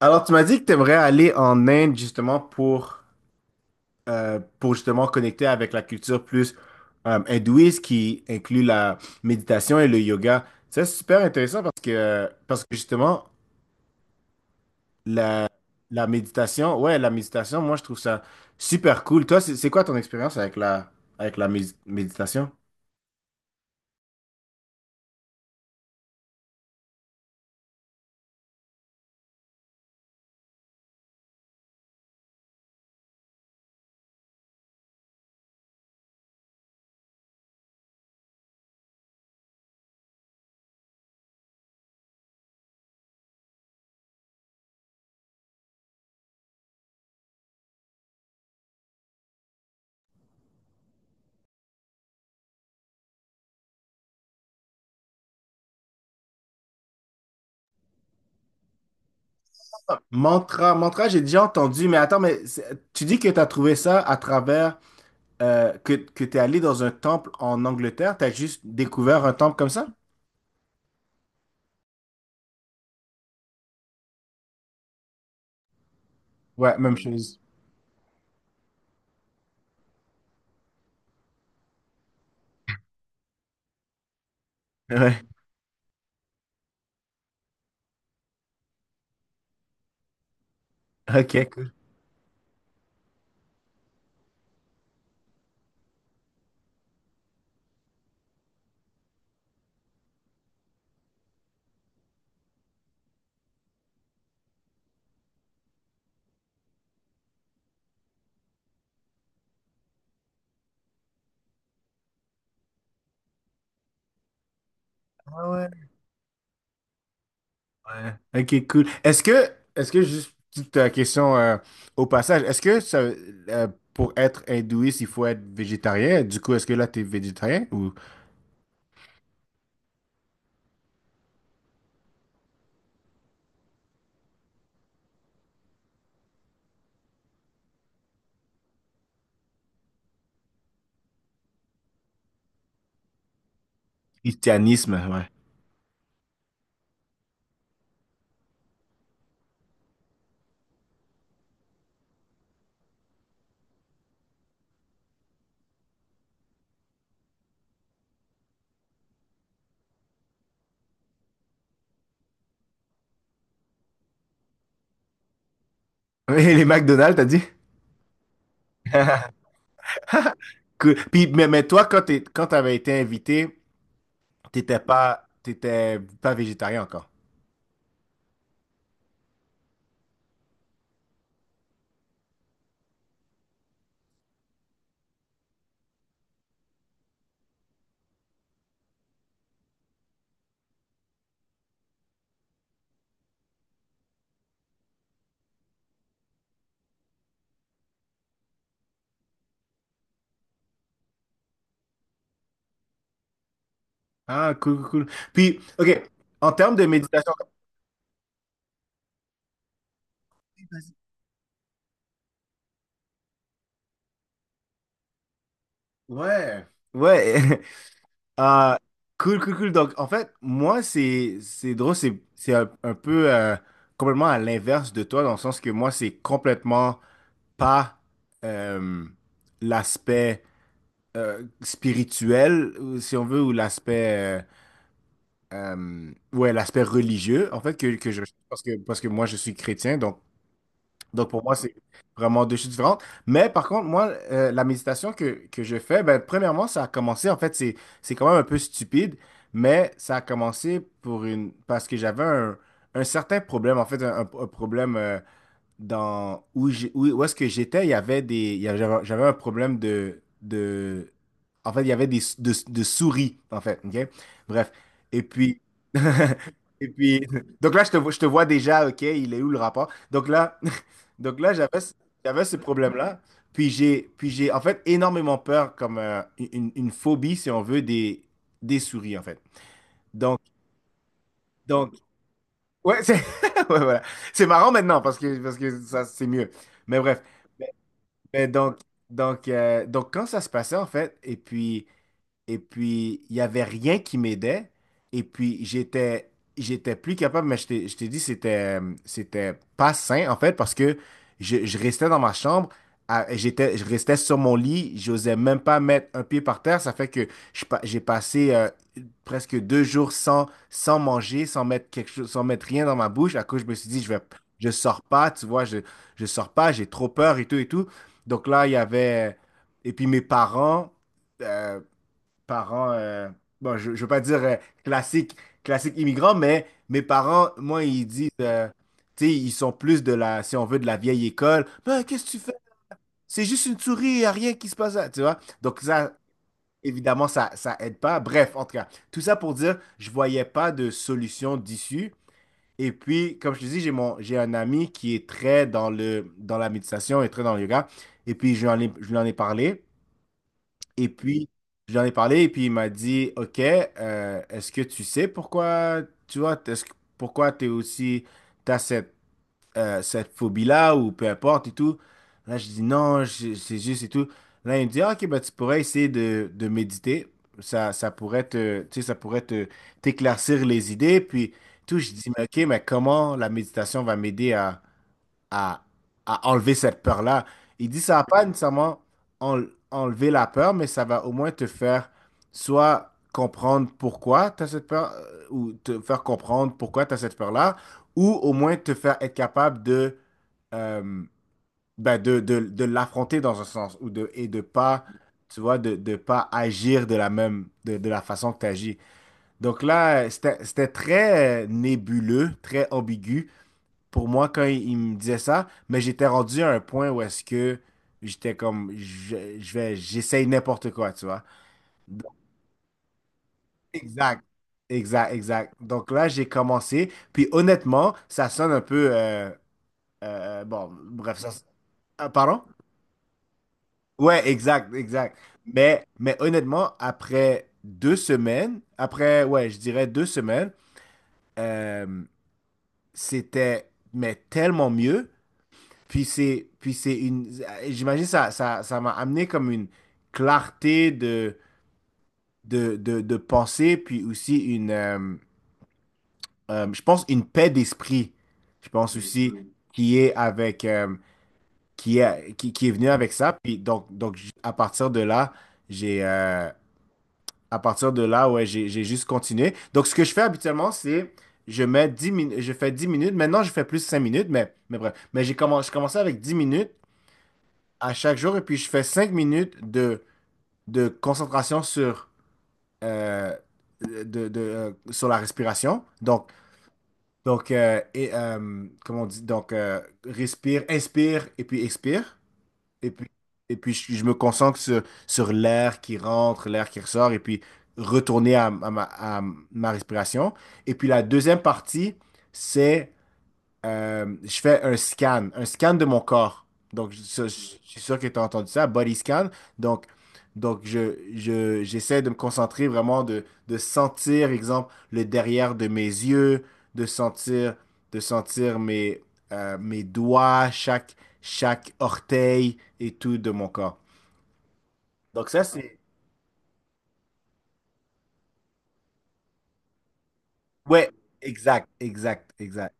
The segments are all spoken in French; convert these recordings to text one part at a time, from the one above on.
Alors, tu m'as dit que tu aimerais aller en Inde justement pour justement connecter avec la culture plus hindouiste qui inclut la méditation et le yoga. C'est super intéressant parce que justement, la, la méditation, ouais, la méditation, moi, je trouve ça super cool. Toi, c'est quoi ton expérience avec avec la méditation? Mantra, mantra, j'ai déjà entendu, mais attends, tu dis que tu as trouvé ça à travers que tu es allé dans un temple en Angleterre, tu as juste découvert un temple comme ça? Ouais, même chose. Ouais, ok, cool. Ah ouais. Ouais. Ok, cool. Est-ce que juste petite question au passage, pour être hindouiste, il faut être végétarien? Du coup, est-ce que là, tu es végétarien ou christianisme? Ouais. Oui, les McDonald's, t'as dit? Cool. Puis, mais toi, quand t'avais été invité, t'étais pas végétarien encore. Ah, cool, cool, cool. Puis, OK, en termes de méditation, ouais, ouais. Ah, cool, cool, cool. Donc, en fait, moi, c'est drôle, c'est un peu complètement à l'inverse de toi, dans le sens que moi, c'est complètement pas euh, l'aspect spirituel, ou si on veut, ou l'aspect ouais, l'aspect religieux, en fait, que je parce que moi, je suis chrétien, donc pour moi, c'est vraiment deux choses différentes. Mais par contre, moi, la méditation que je fais, ben, premièrement, ça a commencé, en fait, c'est quand même un peu stupide, mais ça a commencé pour une, parce que j'avais un certain problème, en fait, un problème dans où est-ce que j'étais, il y avait des il y avait- j'avais un problème de en fait, il y avait de souris en fait, OK? Bref, et puis et puis donc là je te vois déjà, OK, il est où le rapport? Donc là donc là j'avais ce problème-là, puis j'ai en fait énormément peur comme une phobie si on veut des souris en fait. Donc donc ouais, c'est ouais, voilà. C'est marrant maintenant parce que ça c'est mieux. Mais bref. Mais donc, donc, quand ça se passait, en fait, et puis, il n'y avait rien qui m'aidait. Et puis, j'étais plus capable, mais je t'ai dit, c'était pas sain, en fait, parce que je restais dans ma chambre, je restais sur mon lit, j'osais même pas mettre un pied par terre. Ça fait que j'ai passé presque deux jours sans, sans manger, sans mettre quelque chose, sans mettre rien dans ma bouche. À cause, je me suis dit, je sors pas, tu vois, je sors pas, j'ai trop peur et tout et tout. Donc là, il y avait. Et puis, mes parents. euh, parents, euh, bon, je ne veux pas dire classique, classique immigrant, mais mes parents, moi, ils disent, tu sais, ils sont plus de la, si on veut, de la vieille école. Ben, qu'est-ce que tu fais? C'est juste une souris, y a rien qui se passe, là, tu vois? Donc, ça, évidemment, ça aide pas. Bref, en tout cas, tout ça pour dire, je voyais pas de solution d'issue. Et puis, comme je te dis, j'ai un ami qui est très dans le, dans la méditation et très dans le yoga. Et puis, je lui en ai parlé. Et puis, j'en ai parlé et puis il m'a dit, OK, est-ce que tu sais pourquoi, tu vois, pourquoi tu es aussi, t'as cette, cette phobie-là ou peu importe et tout. Là, je dis non, c'est juste et tout. Là, il me dit, Ah, OK, ben, tu pourrais essayer de méditer. Ça pourrait te, tu sais, ça pourrait te, t'éclaircir les idées. Puis tout, je dis, mais OK, mais comment la méditation va m'aider à, à enlever cette peur-là. Il dit ça va pas nécessairement en- enlever la peur, mais ça va au moins te faire soit comprendre pourquoi tu as cette peur, ou te faire comprendre pourquoi tu as cette peur-là, ou au moins te faire être capable de, euh, ben de l'affronter dans un sens, et de pas, tu vois, de pas agir de la même, de la façon que tu agis. Donc là, c'était très nébuleux, très ambigu pour moi quand il me disait ça, mais j'étais rendu à un point où est-ce que j'étais comme je vais j'essaye n'importe quoi, tu vois. Donc, exact. Exact, exact. Donc là, j'ai commencé. Puis honnêtement, ça sonne un peu bon, bref, ça ah, pardon? Ouais, exact, exact. Mais honnêtement, après deux semaines, après, ouais, je dirais deux semaines, euh, c'était mais tellement mieux. Puis c'est une, j'imagine ça, ça m'a amené comme une clarté de, de pensée, puis aussi une, je pense une paix d'esprit. Je pense aussi qui est avec, qui est venu avec ça. Puis donc, à partir de là, j'ai, euh, à partir de là, ouais, j'ai juste continué. Donc ce que je fais habituellement, c'est je mets 10 minutes, je fais 10 minutes. Maintenant, je fais plus 5 minutes, mais bref. Mais j'ai commencé, je commençais avec 10 minutes à chaque jour et puis je fais cinq minutes de concentration sur, euh, sur la respiration. Donc, comment on dit? Donc, respire, inspire et puis expire. Et puis, et puis je me concentre sur, sur l'air qui rentre, l'air qui ressort et puis retourner à, à ma respiration. Et puis la deuxième partie, c'est je fais un scan de mon corps. Donc, je suis sûr que tu as entendu ça, body scan. Donc, donc j'essaie de me concentrer vraiment, de sentir, exemple, le derrière de mes yeux, de sentir, de sentir mes, mes doigts, chaque, chaque orteil et tout de mon corps. Donc, ça, c'est... Ouais, exact, exact, exact.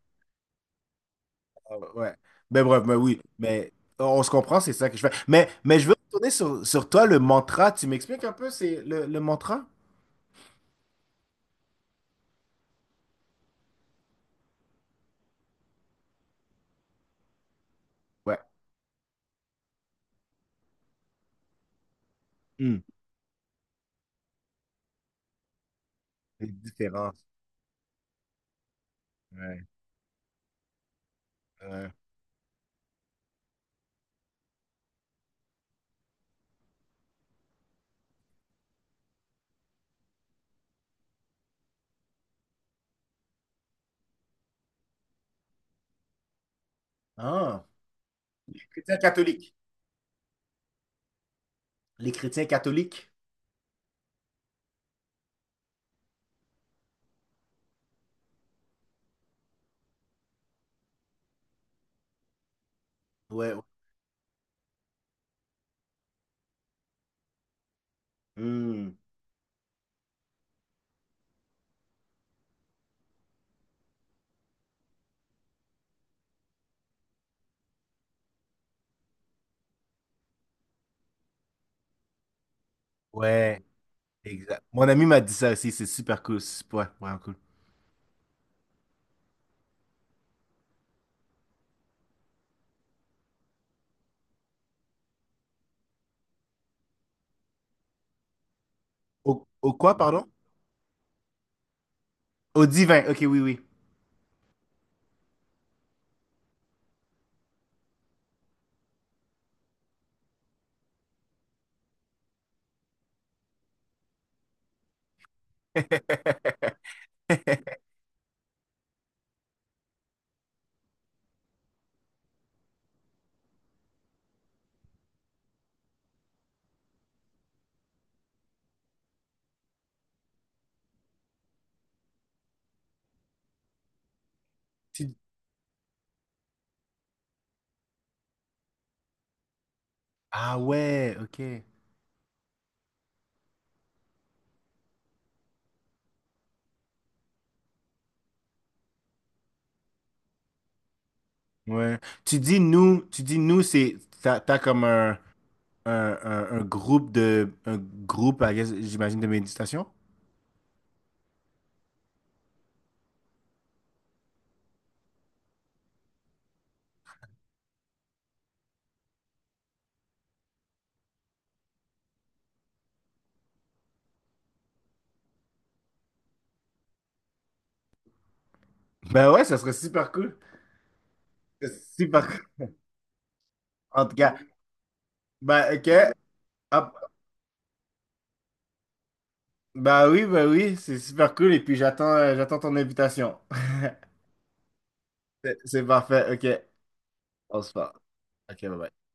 Ah ouais. Ouais. Mais bref, mais oui, mais on se comprend, c'est ça que je fais. Mais je veux retourner sur, sur toi, le mantra. Tu m'expliques un peu, c'est le mantra? Ouais. Hmm. Les différences. Ouais. Ouais. Ah. Les chrétiens catholiques. Les chrétiens catholiques. Ouais. Ouais, hmm. Ouais, exact. Mon ami m'a dit ça aussi, c'est super cool. c'est- Ouais, vraiment cool. Au, au quoi, pardon? Au divin. Ok, oui, oui. Tu- Ah ouais, ok. Ouais. Tu dis nous, c'est t'as, t'as comme un. Un, un groupe de un groupe, I guess, j'imagine, de méditation? Ben ouais, ça serait super cool. C'est super cool. En tout cas. Ben ok. Hop. Ben oui, c'est super cool. Et puis j'attends j'attends ton invitation. C'est parfait. Ok. On se parle. Ok, bye bye.